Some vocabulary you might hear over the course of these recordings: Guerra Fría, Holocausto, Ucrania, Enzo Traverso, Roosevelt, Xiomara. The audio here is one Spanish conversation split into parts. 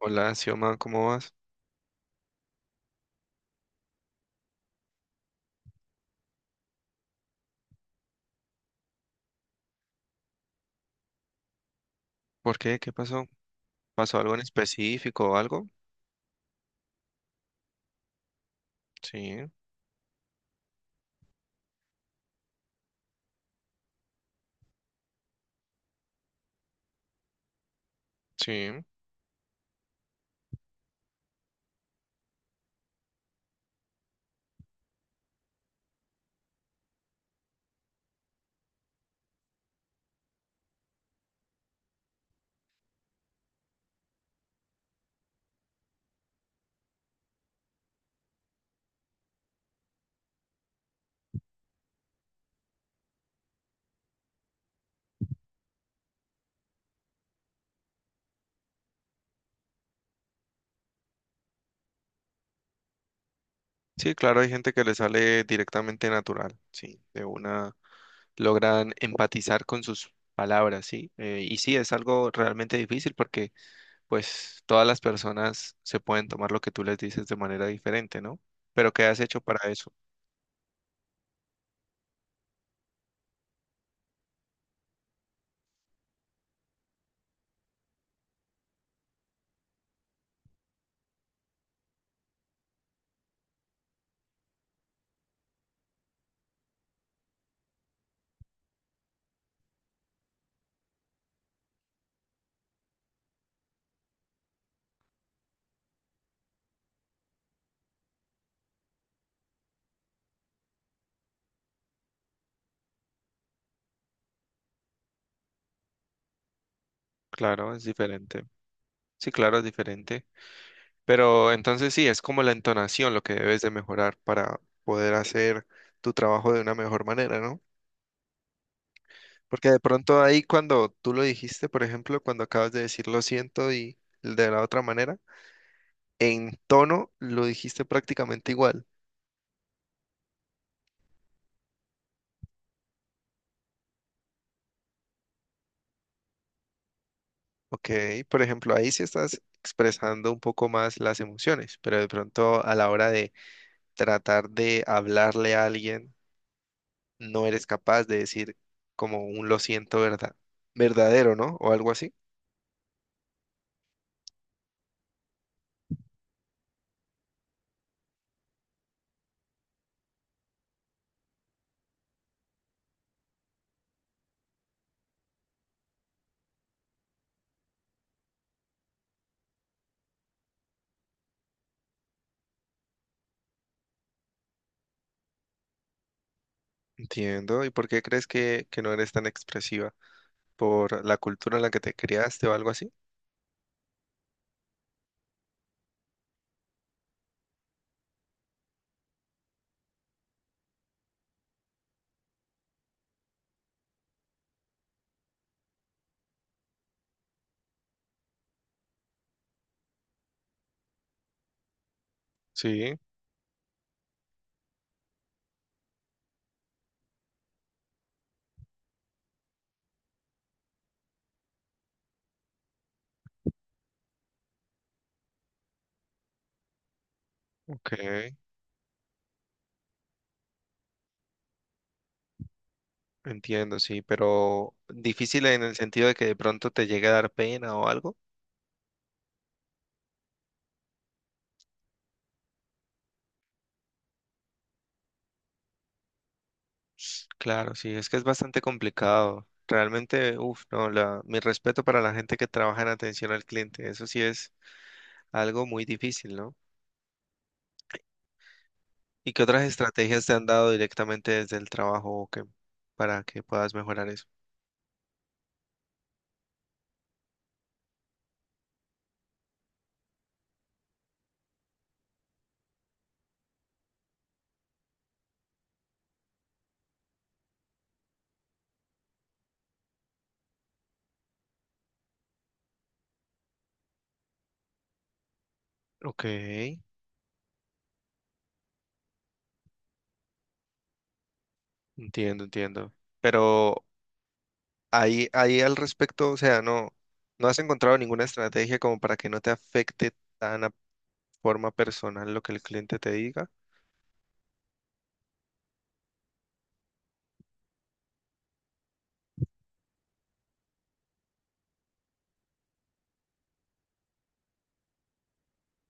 Hola, Xioma, ¿cómo vas? ¿Por qué? ¿Qué pasó? ¿Pasó algo en específico o algo? Sí, sí. Sí, claro, hay gente que le sale directamente natural, sí, de una logran empatizar con sus palabras, sí. Y sí, es algo realmente difícil porque pues todas las personas se pueden tomar lo que tú les dices de manera diferente, ¿no? Pero ¿qué has hecho para eso? Claro, es diferente. Sí, claro, es diferente. Pero entonces sí, es como la entonación lo que debes de mejorar para poder hacer tu trabajo de una mejor manera, ¿no? Porque de pronto ahí cuando tú lo dijiste, por ejemplo, cuando acabas de decir lo siento y de la otra manera, en tono lo dijiste prácticamente igual, ¿ok? Por ejemplo, ahí sí estás expresando un poco más las emociones, pero de pronto a la hora de tratar de hablarle a alguien, no eres capaz de decir como un lo siento verdad, verdadero, ¿no? O algo así. Entiendo. ¿Y por qué crees que no eres tan expresiva? ¿Por la cultura en la que te criaste o algo así? Sí, ok. Entiendo, sí, pero difícil en el sentido de que de pronto te llegue a dar pena o algo. Claro, sí, es que es bastante complicado. Realmente, uff, no, la, mi respeto para la gente que trabaja en atención al cliente, eso sí es algo muy difícil, ¿no? ¿Y qué otras estrategias te han dado directamente desde el trabajo que, para que puedas mejorar eso? Ok, entiendo, entiendo. Pero ahí, ahí al respecto, o sea, no, no has encontrado ninguna estrategia como para que no te afecte tan a forma personal lo que el cliente te diga,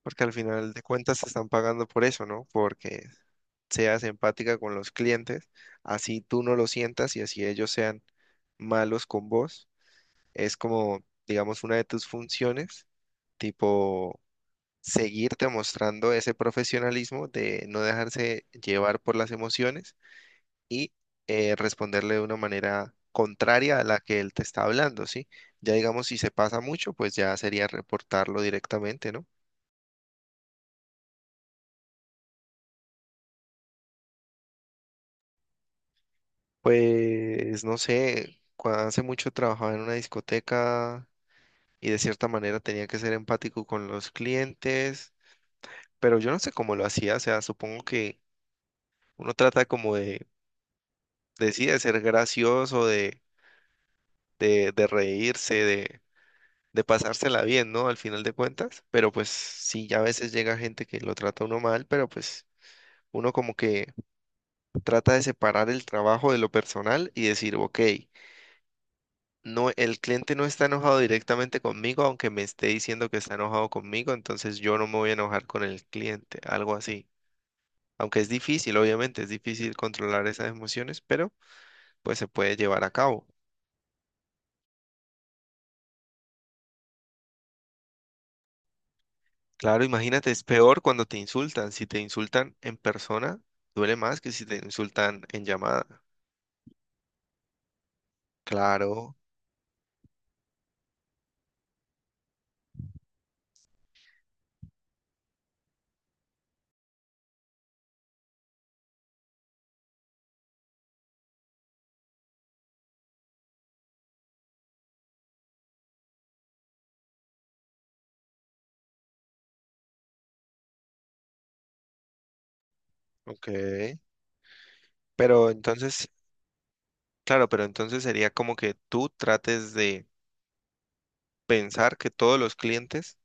porque al final de cuentas te están pagando por eso, ¿no? Porque seas empática con los clientes, así tú no lo sientas y así ellos sean malos con vos. Es como, digamos, una de tus funciones, tipo seguirte mostrando ese profesionalismo de no dejarse llevar por las emociones y responderle de una manera contraria a la que él te está hablando, ¿sí? Ya digamos, si se pasa mucho, pues ya sería reportarlo directamente, ¿no? Pues no sé, cuando hace mucho trabajaba en una discoteca y de cierta manera tenía que ser empático con los clientes, pero yo no sé cómo lo hacía, o sea, supongo que uno trata como de sí, de ser gracioso, de reírse, de pasársela bien, ¿no? Al final de cuentas, pero pues sí, ya a veces llega gente que lo trata a uno mal, pero pues uno como que trata de separar el trabajo de lo personal y decir, ok, no, el cliente no está enojado directamente conmigo, aunque me esté diciendo que está enojado conmigo, entonces yo no me voy a enojar con el cliente, algo así. Aunque es difícil, obviamente, es difícil controlar esas emociones, pero pues se puede llevar a cabo. Claro, imagínate, es peor cuando te insultan. Si te insultan en persona, duele más que si te insultan en llamada. Claro, ok. Pero entonces, claro, pero entonces sería como que tú trates de pensar que todos los clientes,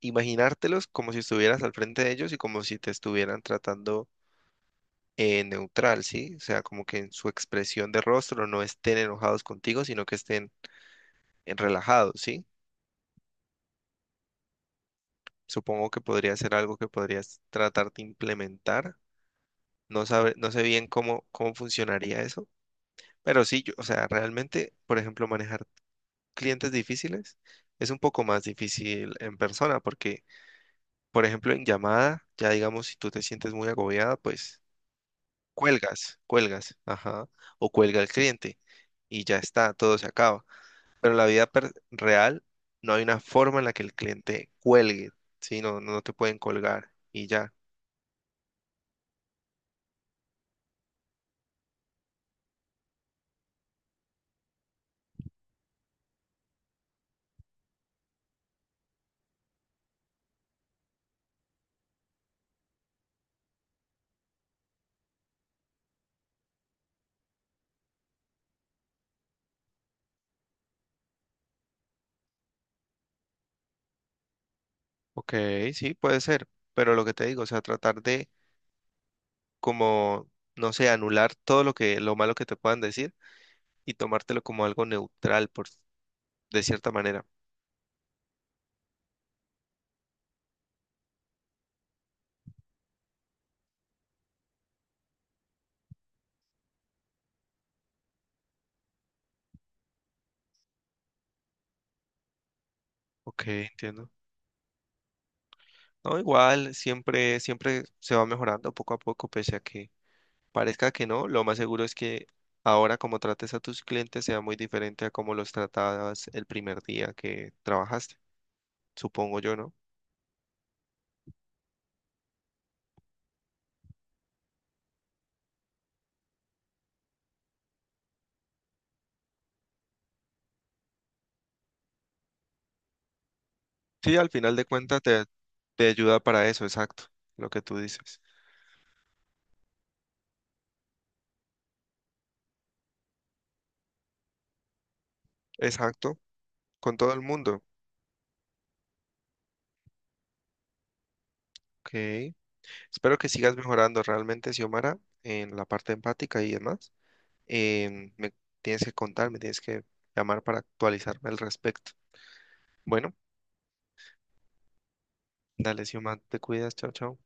imaginártelos como si estuvieras al frente de ellos y como si te estuvieran tratando neutral, ¿sí? O sea, como que en su expresión de rostro no estén enojados contigo, sino que estén relajados, ¿sí? Supongo que podría ser algo que podrías tratar de implementar. No sabe, no sé bien cómo, cómo funcionaría eso, pero sí, yo, o sea, realmente, por ejemplo, manejar clientes difíciles es un poco más difícil en persona, porque, por ejemplo, en llamada, ya digamos, si tú te sientes muy agobiada, pues cuelgas, cuelgas, ajá, o cuelga el cliente y ya está, todo se acaba. Pero en la vida real no hay una forma en la que el cliente cuelgue, ¿sí? No, no te pueden colgar y ya. Ok, sí, puede ser, pero lo que te digo, o sea, tratar de como, no sé, anular todo lo que, lo malo que te puedan decir y tomártelo como algo neutral, por, de cierta manera. Ok, entiendo. No, igual, siempre, siempre se va mejorando poco a poco, pese a que parezca que no, lo más seguro es que ahora como trates a tus clientes sea muy diferente a como los tratabas el primer día que trabajaste, supongo yo, ¿no? Sí, al final de cuentas te, te ayuda para eso, exacto, lo que tú dices. Exacto, con todo el mundo. Ok. Espero que sigas mejorando realmente, Xiomara, en la parte empática y demás. Me tienes que contar, me tienes que llamar para actualizarme al respecto. Bueno, dale, Xiomara, te cuidas, chao, chao.